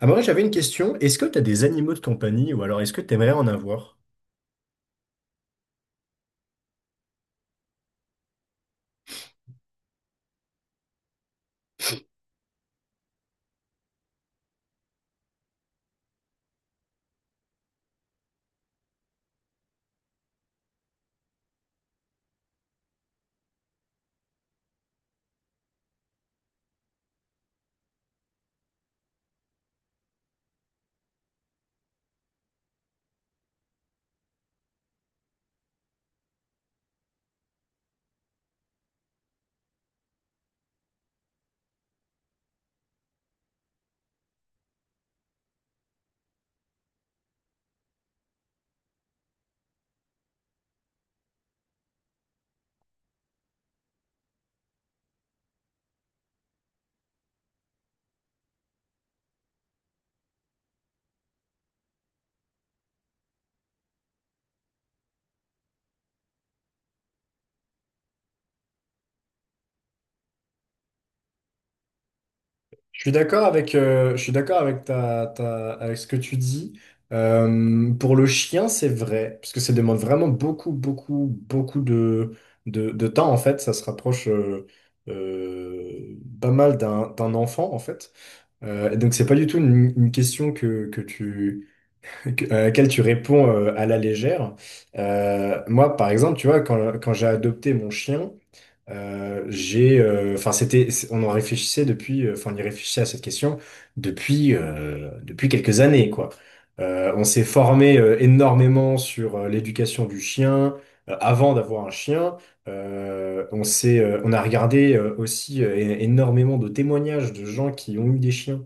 Amaury, j'avais une question. Est-ce que tu as des animaux de compagnie ou alors est-ce que tu aimerais en avoir? Je suis d'accord avec, je suis d'accord avec, avec ce que tu dis. Pour le chien, c'est vrai, parce que ça demande vraiment beaucoup, beaucoup, beaucoup de temps, en fait. Ça se rapproche pas mal d'un enfant, en fait. Et donc, c'est pas du tout une question que tu, à laquelle tu réponds à la légère. Moi, par exemple, tu vois, quand j'ai adopté mon chien. Enfin, on en réfléchissait depuis, enfin, on y réfléchissait à cette question depuis, depuis quelques années, quoi. On s'est formé énormément sur l'éducation du chien avant d'avoir un chien. On a regardé aussi énormément de témoignages de gens qui ont eu des chiens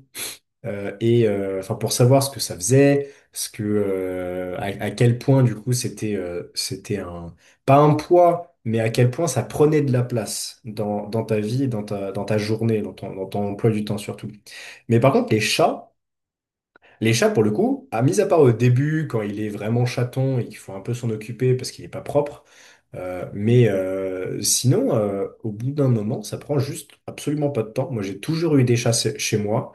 enfin pour savoir ce que ça faisait, ce que à quel point du coup c'était un pas un poids, mais à quel point ça prenait de la place dans ta vie, dans ta journée, dans ton emploi du temps surtout. Mais par contre les chats pour le coup, à mis à part au début quand il est vraiment chaton et qu'il faut un peu s'en occuper parce qu'il est pas propre. Au bout d'un moment, ça prend juste absolument pas de temps. Moi, j'ai toujours eu des chats chez moi.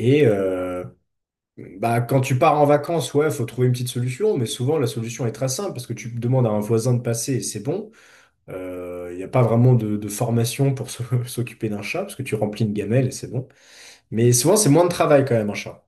Et, euh, Bah, quand tu pars en vacances, ouais, faut trouver une petite solution, mais souvent la solution est très simple parce que tu demandes à un voisin de passer et c'est bon. Il n'y a pas vraiment de formation pour s'occuper d'un chat parce que tu remplis une gamelle et c'est bon. Mais souvent, c'est moins de travail quand même, un chat.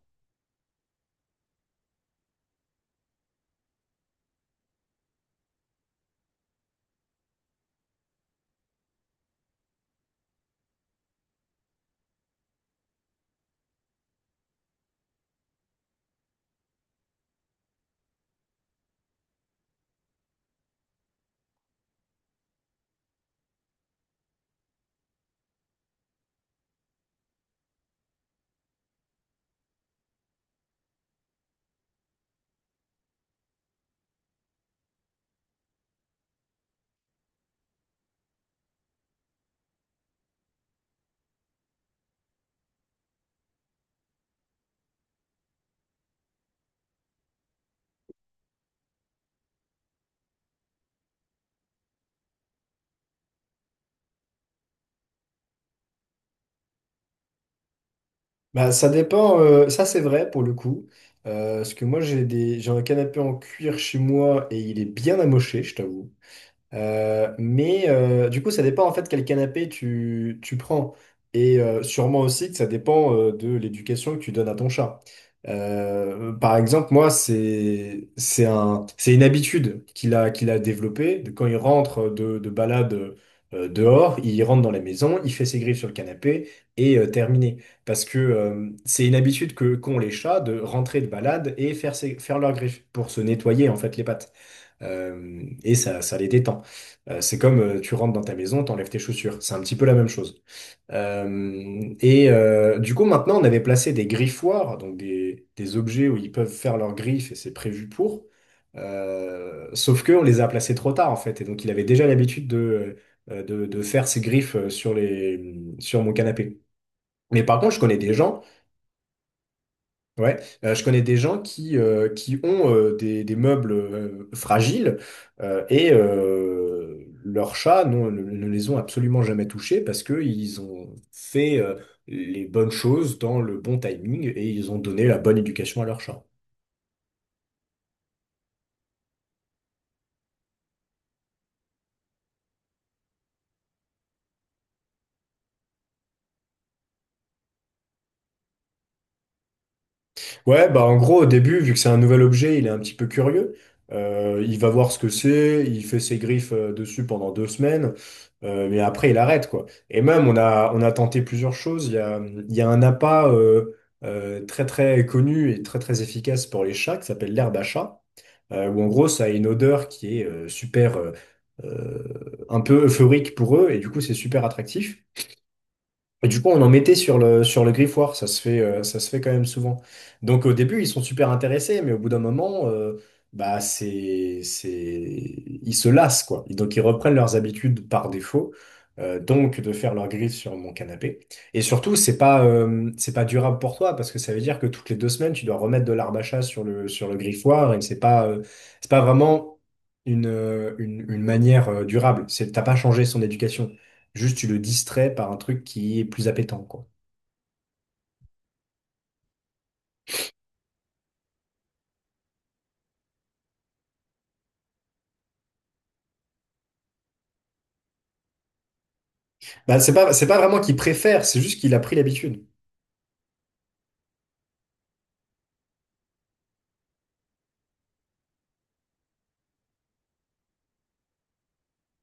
Bah, ça dépend, ça c'est vrai pour le coup. Parce que moi, j'ai un canapé en cuir chez moi et il est bien amoché, je t'avoue. Du coup, ça dépend en fait quel canapé tu prends. Et sûrement aussi que ça dépend de l'éducation que tu donnes à ton chat. Par exemple, moi, c'est une habitude qu'il a développée. Quand il rentre de balade dehors, il rentre dans la maison, il fait ses griffes sur le canapé et terminé. Parce que c'est une habitude que qu'ont les chats de rentrer de balade et faire leurs griffes pour se nettoyer en fait les pattes. Et ça les détend. C'est comme tu rentres dans ta maison, t'enlèves tes chaussures. C'est un petit peu la même chose. Du coup, maintenant, on avait placé des griffoirs, donc des objets où ils peuvent faire leurs griffes et c'est prévu pour. Sauf que on les a placés trop tard en fait, et donc il avait déjà l'habitude de faire ses griffes sur mon canapé. Mais par contre, je connais des gens. Ouais, je connais des gens qui ont des meubles fragiles, leurs chats ne les ont absolument jamais touchés parce qu'ils ont fait les bonnes choses dans le bon timing et ils ont donné la bonne éducation à leurs chats. Ouais, bah en gros, au début, vu que c'est un nouvel objet, il est un petit peu curieux. Il va voir ce que c'est, il fait ses griffes dessus pendant deux semaines, mais après, il arrête, quoi. Et même, on a tenté plusieurs choses. Il y a un appât très, très connu et très, très efficace pour les chats qui s'appelle l'herbe à chat, où en gros, ça a une odeur qui est un peu euphorique pour eux, et du coup, c'est super attractif. Et du coup, on en mettait sur le griffoir, ça se fait quand même souvent. Donc au début, ils sont super intéressés, mais au bout d'un moment, bah, c'est... ils se lassent, quoi. Et donc ils reprennent leurs habitudes par défaut, donc de faire leur griffe sur mon canapé. Et surtout, c'est pas durable pour toi, parce que ça veut dire que toutes les deux semaines, tu dois remettre de l'arbre à chat sur le griffoir, et c'est pas vraiment une manière durable. C'est, t'as pas changé son éducation. Juste, tu le distrais par un truc qui est plus appétant, quoi. Bah, c'est pas vraiment qu'il préfère, c'est juste qu'il a pris l'habitude.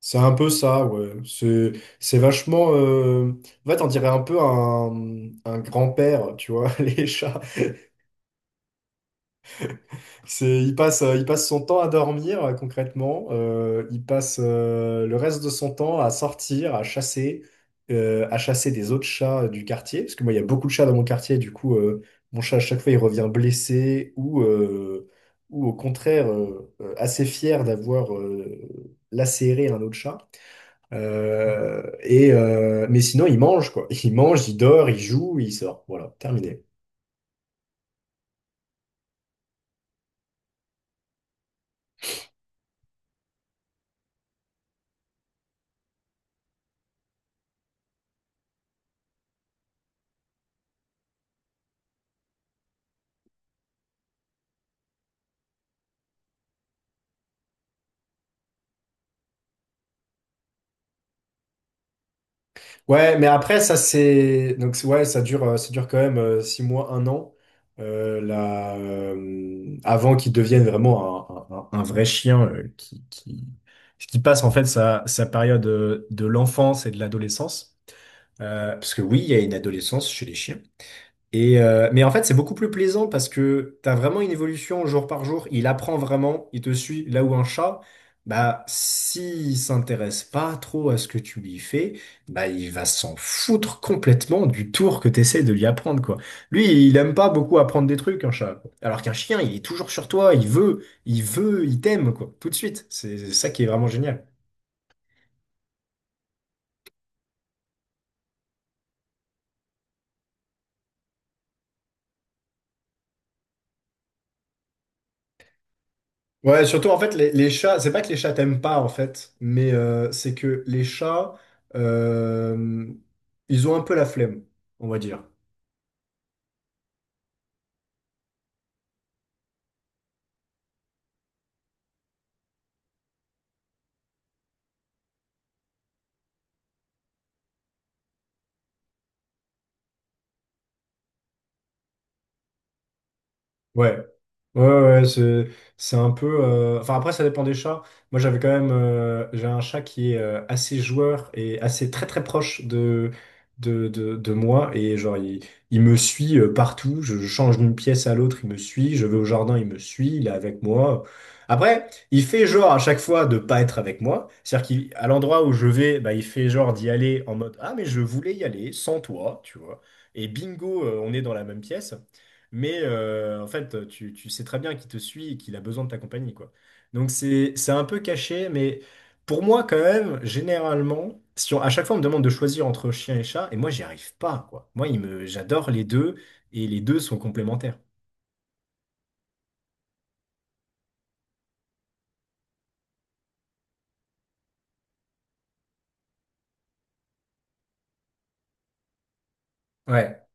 C'est un peu ça, ouais. C'est vachement. En fait, on dirait un peu un grand-père, tu vois, les chats. Il passe, il passe son temps à dormir, concrètement. Il passe le reste de son temps à sortir, à chasser des autres chats du quartier. Parce que moi, il y a beaucoup de chats dans mon quartier. Du coup, mon chat, à chaque fois, il revient blessé, ou au contraire, assez fier d'avoir lacéré un autre chat. Mais sinon, il mange, quoi. Il mange, il dort, il joue, il sort. Voilà, terminé. Ouais, mais après, ça c'est. Donc, ouais, ça dure quand même six mois, un an, avant qu'il devienne vraiment un vrai chien qui passe en fait sa période de l'enfance et de l'adolescence. Parce que oui, il y a une adolescence chez les chiens. Mais en fait, c'est beaucoup plus plaisant parce que tu as vraiment une évolution jour par jour. Il apprend vraiment, il te suit. Là où un chat, bah, s'il s'intéresse pas trop à ce que tu lui fais, bah, il va s'en foutre complètement du tour que tu essaies de lui apprendre, quoi. Lui, il aime pas beaucoup apprendre des trucs, un chat, quoi. Alors qu'un chien, il est toujours sur toi, il t'aime, quoi, tout de suite. C'est ça qui est vraiment génial. Ouais, surtout en fait, les chats, c'est pas que les chats t'aiment pas en fait, mais c'est que les chats, euh, ils ont un peu la flemme, on va dire. Ouais, ouais, ouais, ouais, c'est un peu. Enfin, après, ça dépend des chats. Moi, j'avais quand même. J'ai un chat qui est assez joueur et assez très très proche de moi. Et genre, il me suit partout. Je change d'une pièce à l'autre, il me suit. Je vais au jardin, il me suit. Il est avec moi. Après, il fait genre à chaque fois de pas être avec moi. C'est-à-dire qu'à l'endroit où je vais, bah, il fait genre d'y aller en mode: ah, mais je voulais y aller sans toi, tu vois. Et bingo, on est dans la même pièce. Mais en fait, tu sais très bien qu'il te suit et qu'il a besoin de ta compagnie, quoi. Donc c'est un peu caché, mais pour moi, quand même, généralement, si on- à chaque fois on me demande de choisir entre chien et chat, et moi j'y arrive pas, quoi. Moi, j'adore les deux, et les deux sont complémentaires. Ouais.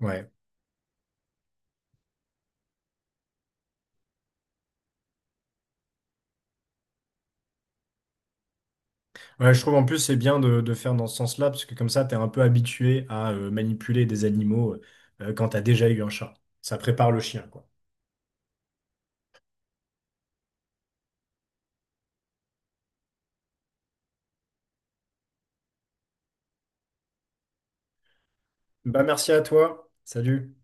Ouais. Ouais, je trouve en plus c'est bien de faire dans ce sens-là, parce que comme ça, t'es un peu habitué à manipuler des animaux quand t'as déjà eu un chat. Ça prépare le chien, quoi. Bah merci à toi. Salut.